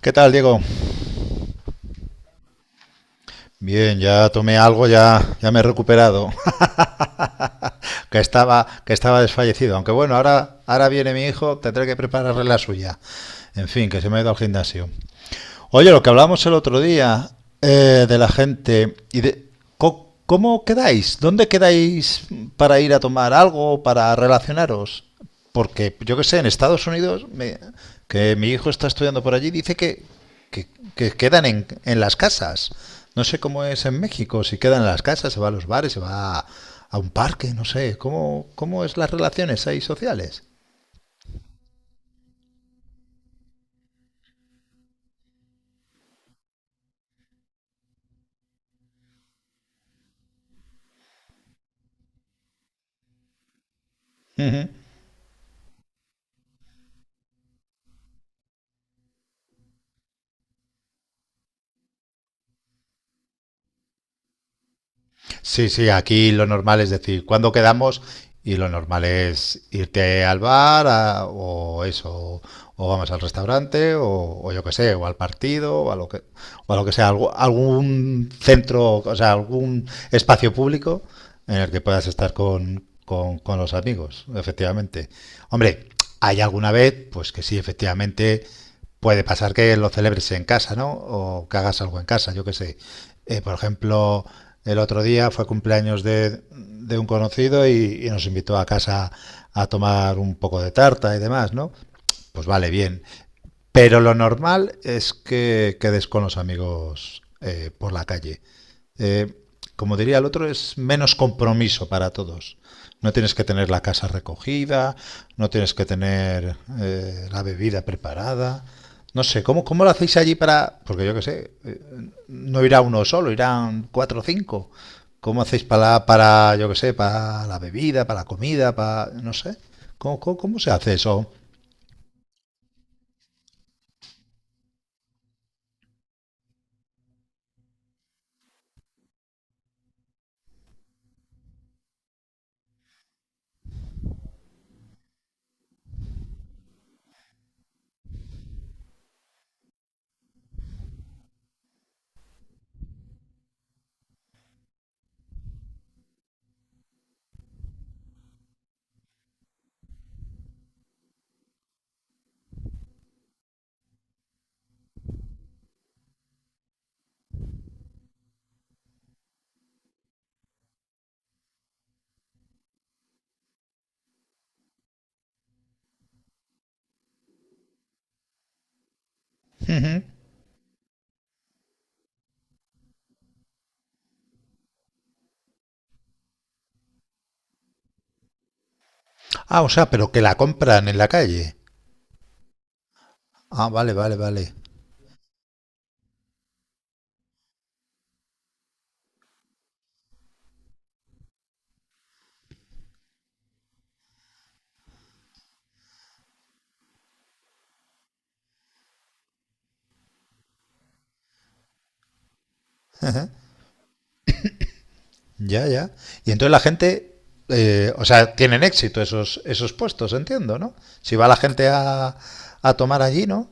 ¿Qué tal, Diego? Bien, ya tomé algo, ya me he recuperado, que estaba desfallecido. Aunque bueno, ahora viene mi hijo, tendré que prepararle la suya. En fin, que se me ha ido al gimnasio. Oye, lo que hablamos el otro día de la gente y de cómo quedáis, dónde quedáis para ir a tomar algo, para relacionaros, porque yo que sé, en Estados Unidos, que mi hijo está estudiando por allí, dice que, que quedan en las casas. No sé cómo es en México, si quedan en las casas, se va a los bares, se va a un parque, no sé. Cómo es las relaciones ahí sociales? Ujú. Sí, sí, aquí lo normal es decir, ¿cuándo quedamos? Y lo normal es irte al bar o eso, o, vamos al restaurante, o yo qué sé, o al partido, o lo que sea, algún centro, o sea, algún espacio público en el que puedas estar con los amigos, efectivamente. Hombre, hay alguna vez, pues que sí, efectivamente, puede pasar que lo celebres en casa, ¿no? O que hagas algo en casa, yo qué sé. Por ejemplo, el otro día fue cumpleaños de un conocido y nos invitó a casa a tomar un poco de tarta y demás, ¿no? Pues vale, bien. Pero lo normal es que quedes con los amigos por la calle. Eh, Como diría el otro, es menos compromiso para todos. No tienes que tener la casa recogida, no tienes que tener la bebida preparada. No sé, ¿cómo lo hacéis allí para...? Porque yo qué sé, no irá uno solo, irán cuatro o cinco. ¿Cómo hacéis para yo qué sé, para la bebida, para la comida, para... no sé? Cómo se hace eso? Ujú. Ah, o sea, pero que la compran en la calle. Ah, vale, vale, vale. Ya, ya. Y entonces la gente, o sea, tienen éxito esos puestos, entiendo, ¿no? Si va la gente a tomar allí, ¿no?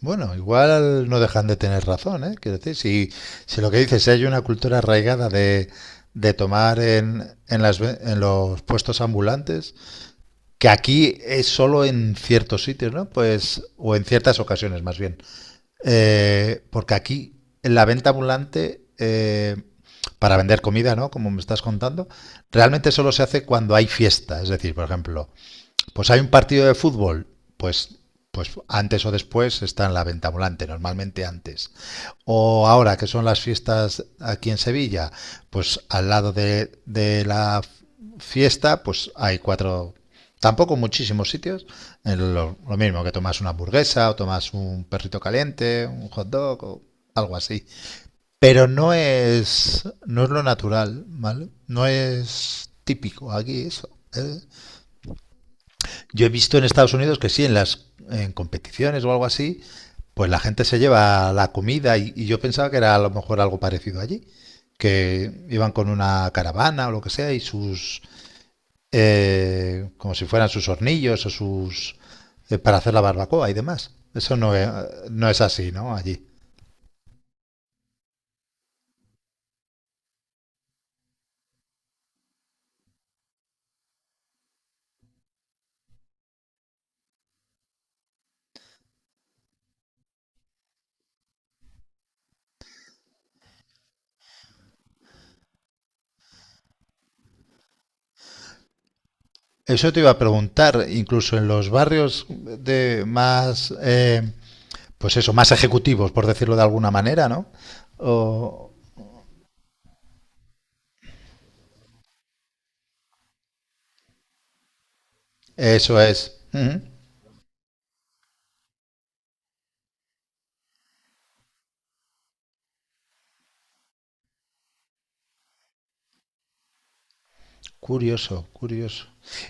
Bueno, igual no dejan de tener razón, ¿eh? Quiero decir, si, si lo que dices, si hay una cultura arraigada de tomar en los puestos ambulantes, que aquí es solo en ciertos sitios, ¿no? Pues, o en ciertas ocasiones más bien. Porque aquí, en la venta ambulante, para vender comida, ¿no? Como me estás contando, realmente solo se hace cuando hay fiesta. Es decir, por ejemplo, pues hay un partido de fútbol, pues, pues antes o después está en la venta ambulante, normalmente antes. O ahora que son las fiestas aquí en Sevilla, pues al lado de la fiesta, pues hay cuatro, tampoco muchísimos sitios, en lo mismo que tomas una hamburguesa o tomas un perrito caliente, un hot dog o algo así. Pero no es lo natural, ¿vale? No es típico aquí eso. ¿Eh? Yo he visto en Estados Unidos que sí, en las en competiciones o algo así, pues la gente se lleva la comida y yo pensaba que era a lo mejor algo parecido allí, que iban con una caravana o lo que sea y sus, como si fueran sus hornillos o sus, para hacer la barbacoa y demás. Eso no es, No es así, ¿no? Allí. Eso te iba a preguntar, incluso en los barrios de más, pues eso, más ejecutivos, por decirlo de alguna manera, ¿no? O, eso es. Ujú. Curioso, curioso.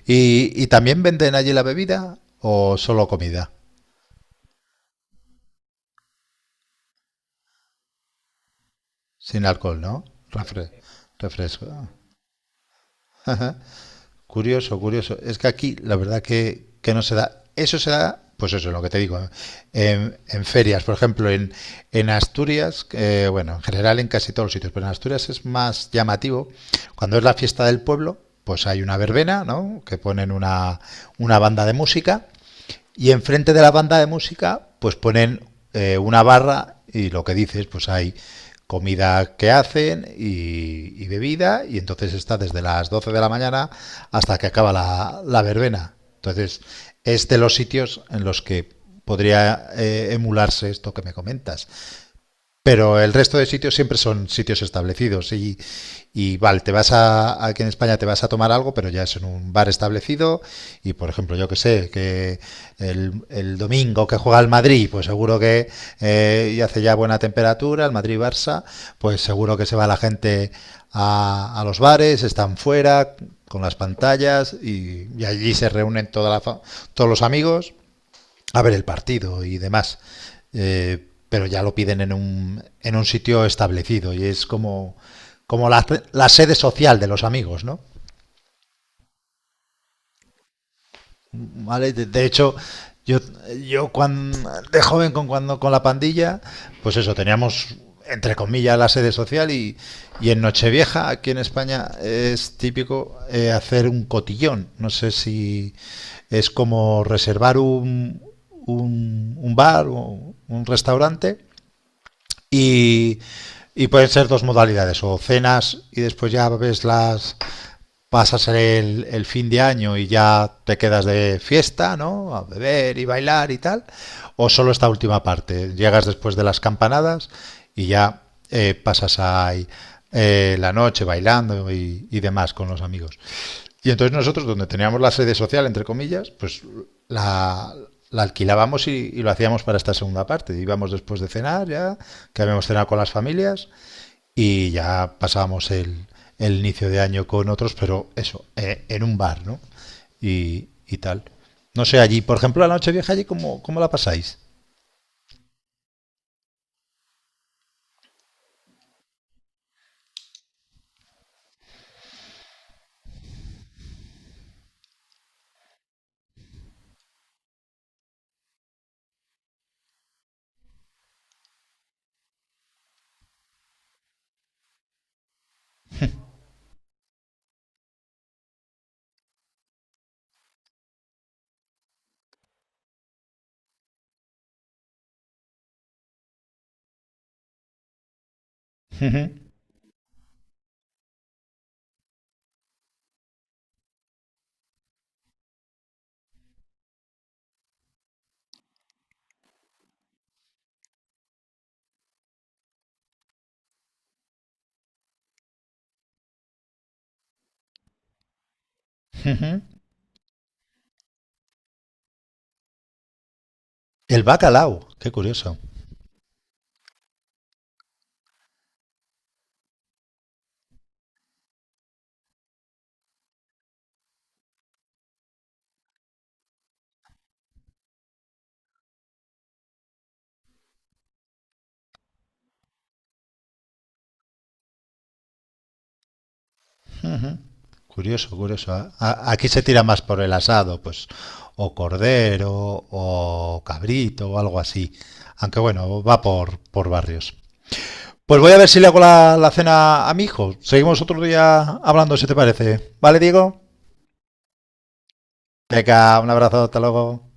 Y también venden allí la bebida o solo comida? Sin alcohol, ¿no? Refre- Refresco. Ajá. Curioso, curioso. Es que aquí la verdad que no se da. Eso se da, pues eso es lo que te digo, en ferias, por ejemplo, en Asturias, bueno, en general en casi todos los sitios, pero en Asturias es más llamativo. Cuando es la fiesta del pueblo, pues hay una verbena, ¿no? Que ponen una banda de música. Y enfrente de la banda de música, pues ponen una barra y lo que dices, pues hay comida que hacen y bebida y entonces está desde las 12 de la mañana hasta que acaba la, la verbena. Entonces es de los sitios en los que podría emularse esto que me comentas. Pero el resto de sitios siempre son sitios establecidos y vale, te vas a, aquí en España te vas a tomar algo, pero ya es en un bar establecido y por ejemplo, yo que sé, que el domingo que juega el Madrid, pues seguro que y hace ya buena temperatura, el Madrid-Barça, pues seguro que se va la gente a los bares, están fuera con las pantallas y allí se reúnen toda todos los amigos a ver el partido y demás. Pero ya lo piden en un sitio establecido y es como, como la sede social de los amigos, ¿no? ¿Vale? De hecho, yo, yo cuando, de joven con, cuando, con la pandilla, pues eso, teníamos entre comillas la sede social y en Nochevieja, aquí en España, es típico hacer un cotillón. No sé si es como reservar un bar o un restaurante. Y, y pueden ser dos modalidades, o cenas y después ya ves las, pasas el fin de año y ya te quedas de fiesta, ¿no? A beber y bailar y tal. O solo esta última parte. Llegas después de las campanadas y ya pasas ahí la noche bailando y demás con los amigos. Y entonces nosotros, donde teníamos la sede social, entre comillas, pues la, la alquilábamos y, lo hacíamos para esta segunda parte. Íbamos después de cenar ya, que habíamos cenado con las familias, y ya pasamos el inicio de año con otros, pero eso, en un bar, ¿no? Y tal. No sé, allí, por ejemplo, la nochevieja allí, cómo la pasáis? El bacalao, qué curioso. Curioso, curioso. Aquí se tira más por el asado, pues, o cordero, o cabrito, o algo así. Aunque bueno, va por barrios. Pues voy a ver si le hago la, la cena a mi hijo. Seguimos otro día hablando, si te parece. ¿Vale, Diego? Venga, un abrazo, hasta luego.